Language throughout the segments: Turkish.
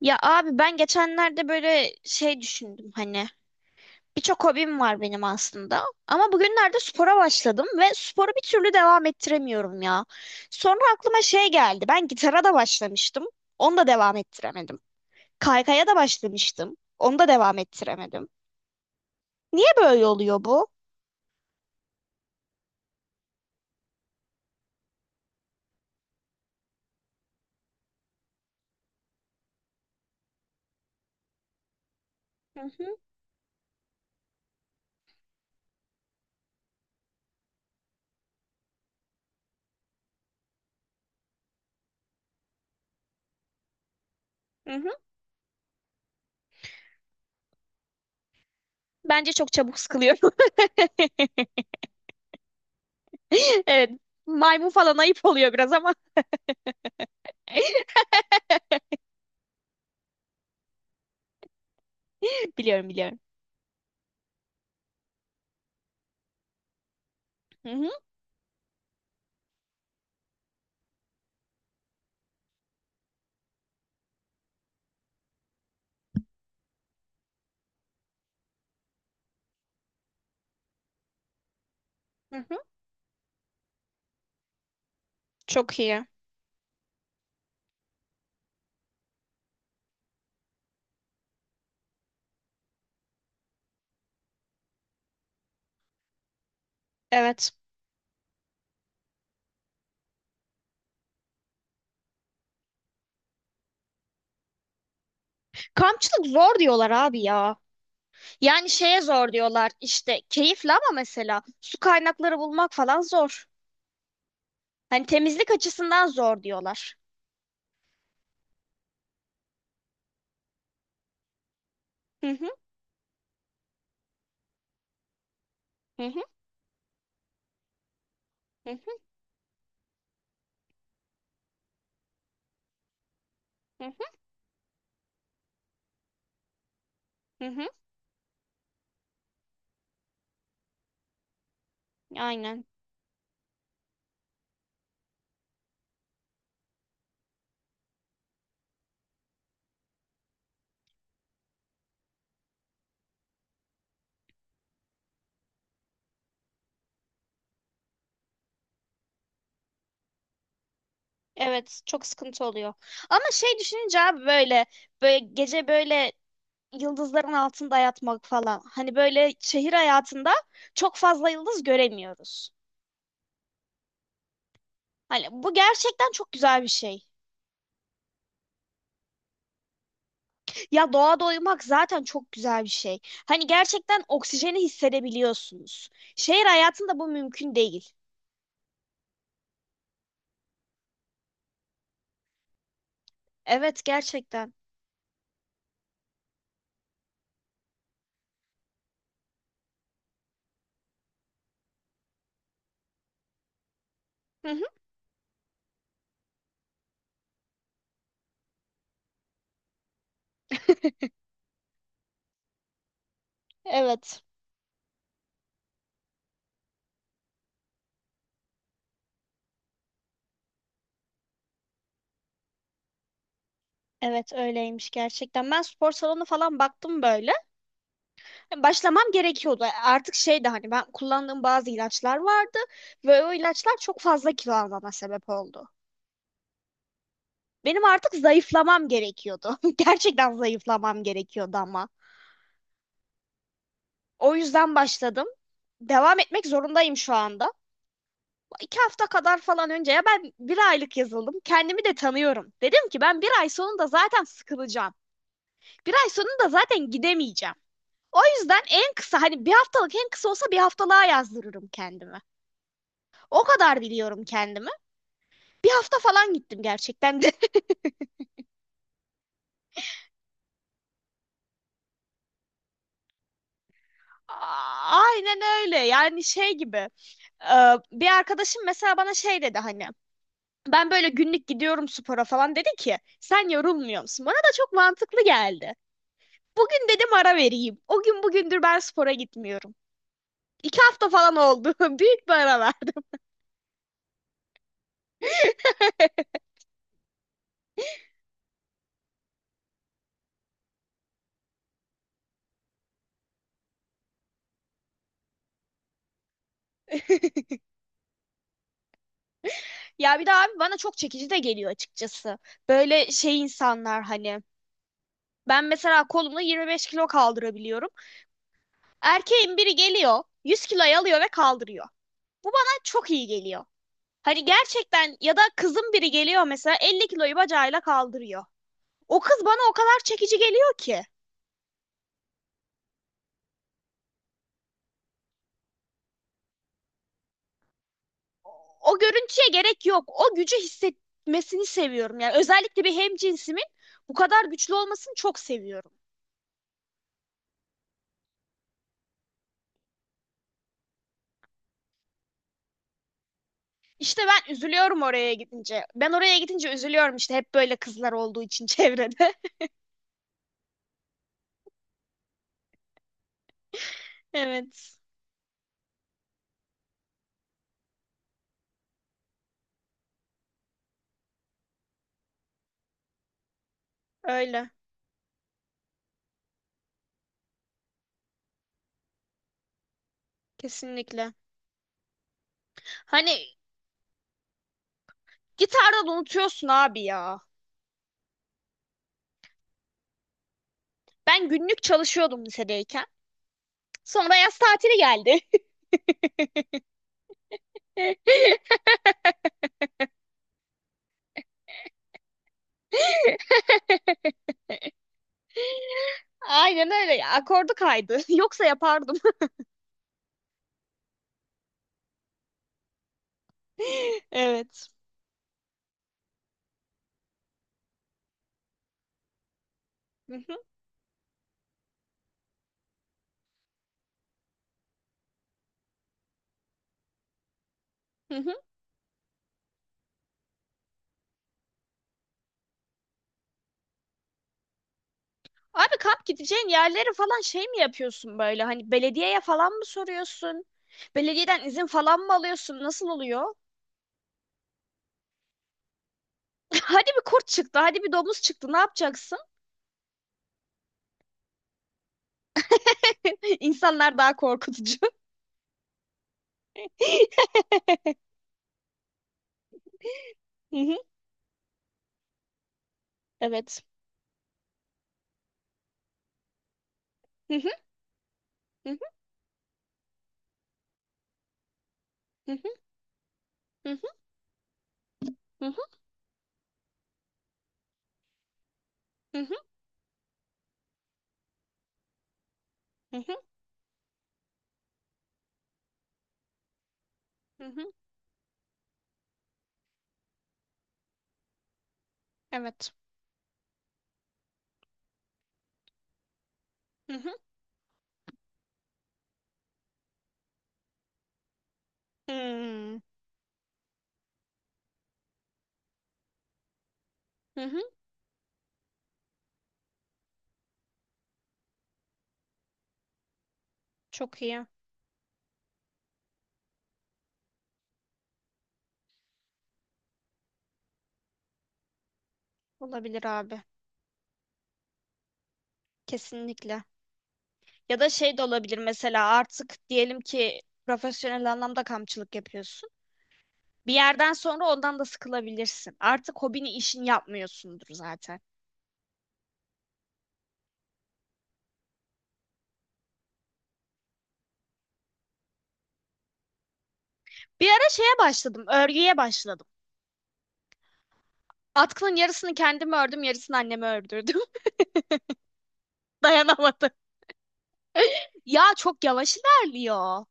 Ya abi ben geçenlerde böyle şey düşündüm hani birçok hobim var benim aslında ama bugünlerde spora başladım ve sporu bir türlü devam ettiremiyorum ya. Sonra aklıma şey geldi ben gitara da başlamıştım onu da devam ettiremedim. Kaykaya da başlamıştım onu da devam ettiremedim. Niye böyle oluyor bu? Hı hı, hı hı. Bence çok çabuk sıkılıyorum. Evet, maymun falan ayıp oluyor biraz ama biliyorum biliyorum. Hı hı, hı hı. Çok iyi. Evet. Kampçılık zor diyorlar abi ya. Yani şeye zor diyorlar işte, keyifli ama mesela su kaynakları bulmak falan zor. Hani temizlik açısından zor diyorlar. Hı hı, hı hı, hı hı, hı hı. Hı. Aynen. Evet, çok sıkıntı oluyor. Ama şey düşününce abi böyle gece böyle yıldızların altında yatmak falan. Hani böyle şehir hayatında çok fazla yıldız göremiyoruz. Hani bu gerçekten çok güzel bir şey. Ya doğada uyumak zaten çok güzel bir şey. Hani gerçekten oksijeni hissedebiliyorsunuz. Şehir hayatında bu mümkün değil. Evet, gerçekten. Hı hı, evet. Evet, öyleymiş gerçekten. Ben spor salonu falan baktım böyle. Başlamam gerekiyordu. Artık şey de hani ben kullandığım bazı ilaçlar vardı ve o ilaçlar çok fazla kilo almama sebep oldu. Benim artık zayıflamam gerekiyordu. Gerçekten zayıflamam gerekiyordu ama. O yüzden başladım. Devam etmek zorundayım şu anda. 2 hafta kadar falan önce ya ben bir aylık yazıldım. Kendimi de tanıyorum. Dedim ki ben bir ay sonunda zaten sıkılacağım. Bir ay sonunda zaten gidemeyeceğim. O yüzden en kısa hani bir haftalık, en kısa olsa bir haftalığa yazdırırım kendimi. O kadar biliyorum kendimi. Bir hafta falan gittim gerçekten de. Aynen öyle yani, şey gibi. e, Bir arkadaşım mesela bana şey dedi hani. Ben böyle günlük gidiyorum spora falan dedi ki sen yorulmuyor musun? Bana da çok mantıklı geldi. Bugün dedim ara vereyim. O gün bugündür ben spora gitmiyorum. 2 hafta falan oldu. Büyük bir ara verdim. Ya bir de abi bana çok çekici de geliyor açıkçası. Böyle şey insanlar hani. Ben mesela kolumla 25 kilo kaldırabiliyorum. Erkeğin biri geliyor, 100 kiloyu alıyor ve kaldırıyor. Bu bana çok iyi geliyor. Hani gerçekten, ya da kızın biri geliyor mesela 50 kiloyu bacağıyla kaldırıyor. O kız bana o kadar çekici geliyor ki. O görüntüye gerek yok. O gücü hissetmesini seviyorum. Yani özellikle bir hemcinsimin bu kadar güçlü olmasını çok seviyorum. İşte ben üzülüyorum oraya gidince. Ben oraya gidince üzülüyorum işte, hep böyle kızlar olduğu için çevrede. Evet, öyle. Kesinlikle. Hani gitarda da unutuyorsun abi ya. Ben günlük çalışıyordum lisedeyken. Sonra yaz tatili geldi. Aynen öyle. Akordu kaydı. Yoksa yapardım. Evet. Hı hı, hı hı. Abi kamp gideceğin yerleri falan şey mi yapıyorsun böyle? Hani belediyeye falan mı soruyorsun? Belediyeden izin falan mı alıyorsun? Nasıl oluyor? Hadi bir kurt çıktı, hadi bir domuz çıktı. Ne yapacaksın? İnsanlar daha korkutucu. Hı hı, evet. Hı hı, hı hı, hı hı, hı hı, hı hı, hı hı, hı hı. Evet. Hı hı. Hmm, hı hı. Çok iyi. Olabilir abi. Kesinlikle. Ya da şey de olabilir, mesela artık diyelim ki profesyonel anlamda kampçılık yapıyorsun. Bir yerden sonra ondan da sıkılabilirsin. Artık hobini işin yapmıyorsundur zaten. Bir ara şeye başladım, örgüye başladım. Atkının yarısını kendim ördüm, yarısını anneme ördürdüm. Dayanamadım. Ya çok yavaş ilerliyor.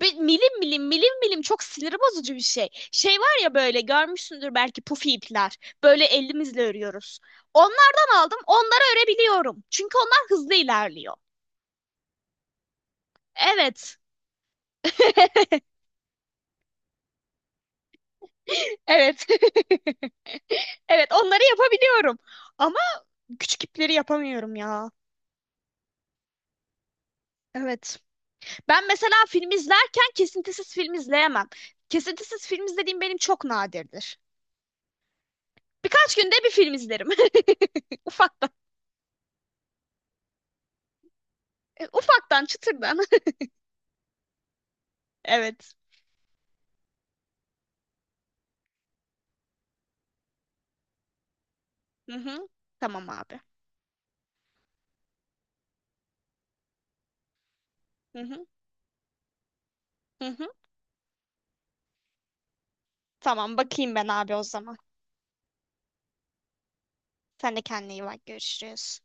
Bir milim milim milim milim, çok sinir bozucu bir şey. Şey var ya, böyle görmüşsündür belki pufi ipler. Böyle elimizle örüyoruz. Onlardan aldım. Onları örebiliyorum çünkü onlar hızlı ilerliyor. Evet. Evet. Evet, onları yapabiliyorum. Ama küçük ipleri yapamıyorum ya. Evet. Ben mesela film izlerken kesintisiz film izleyemem. Kesintisiz film izlediğim benim çok nadirdir. Birkaç günde bir film izlerim. Ufaktan. Ufaktan, çıtırdan. Evet. Hı hı. Tamam abi. Hı hı. Hı hı. Tamam, bakayım ben abi o zaman. Sen de kendine iyi bak. Görüşürüz.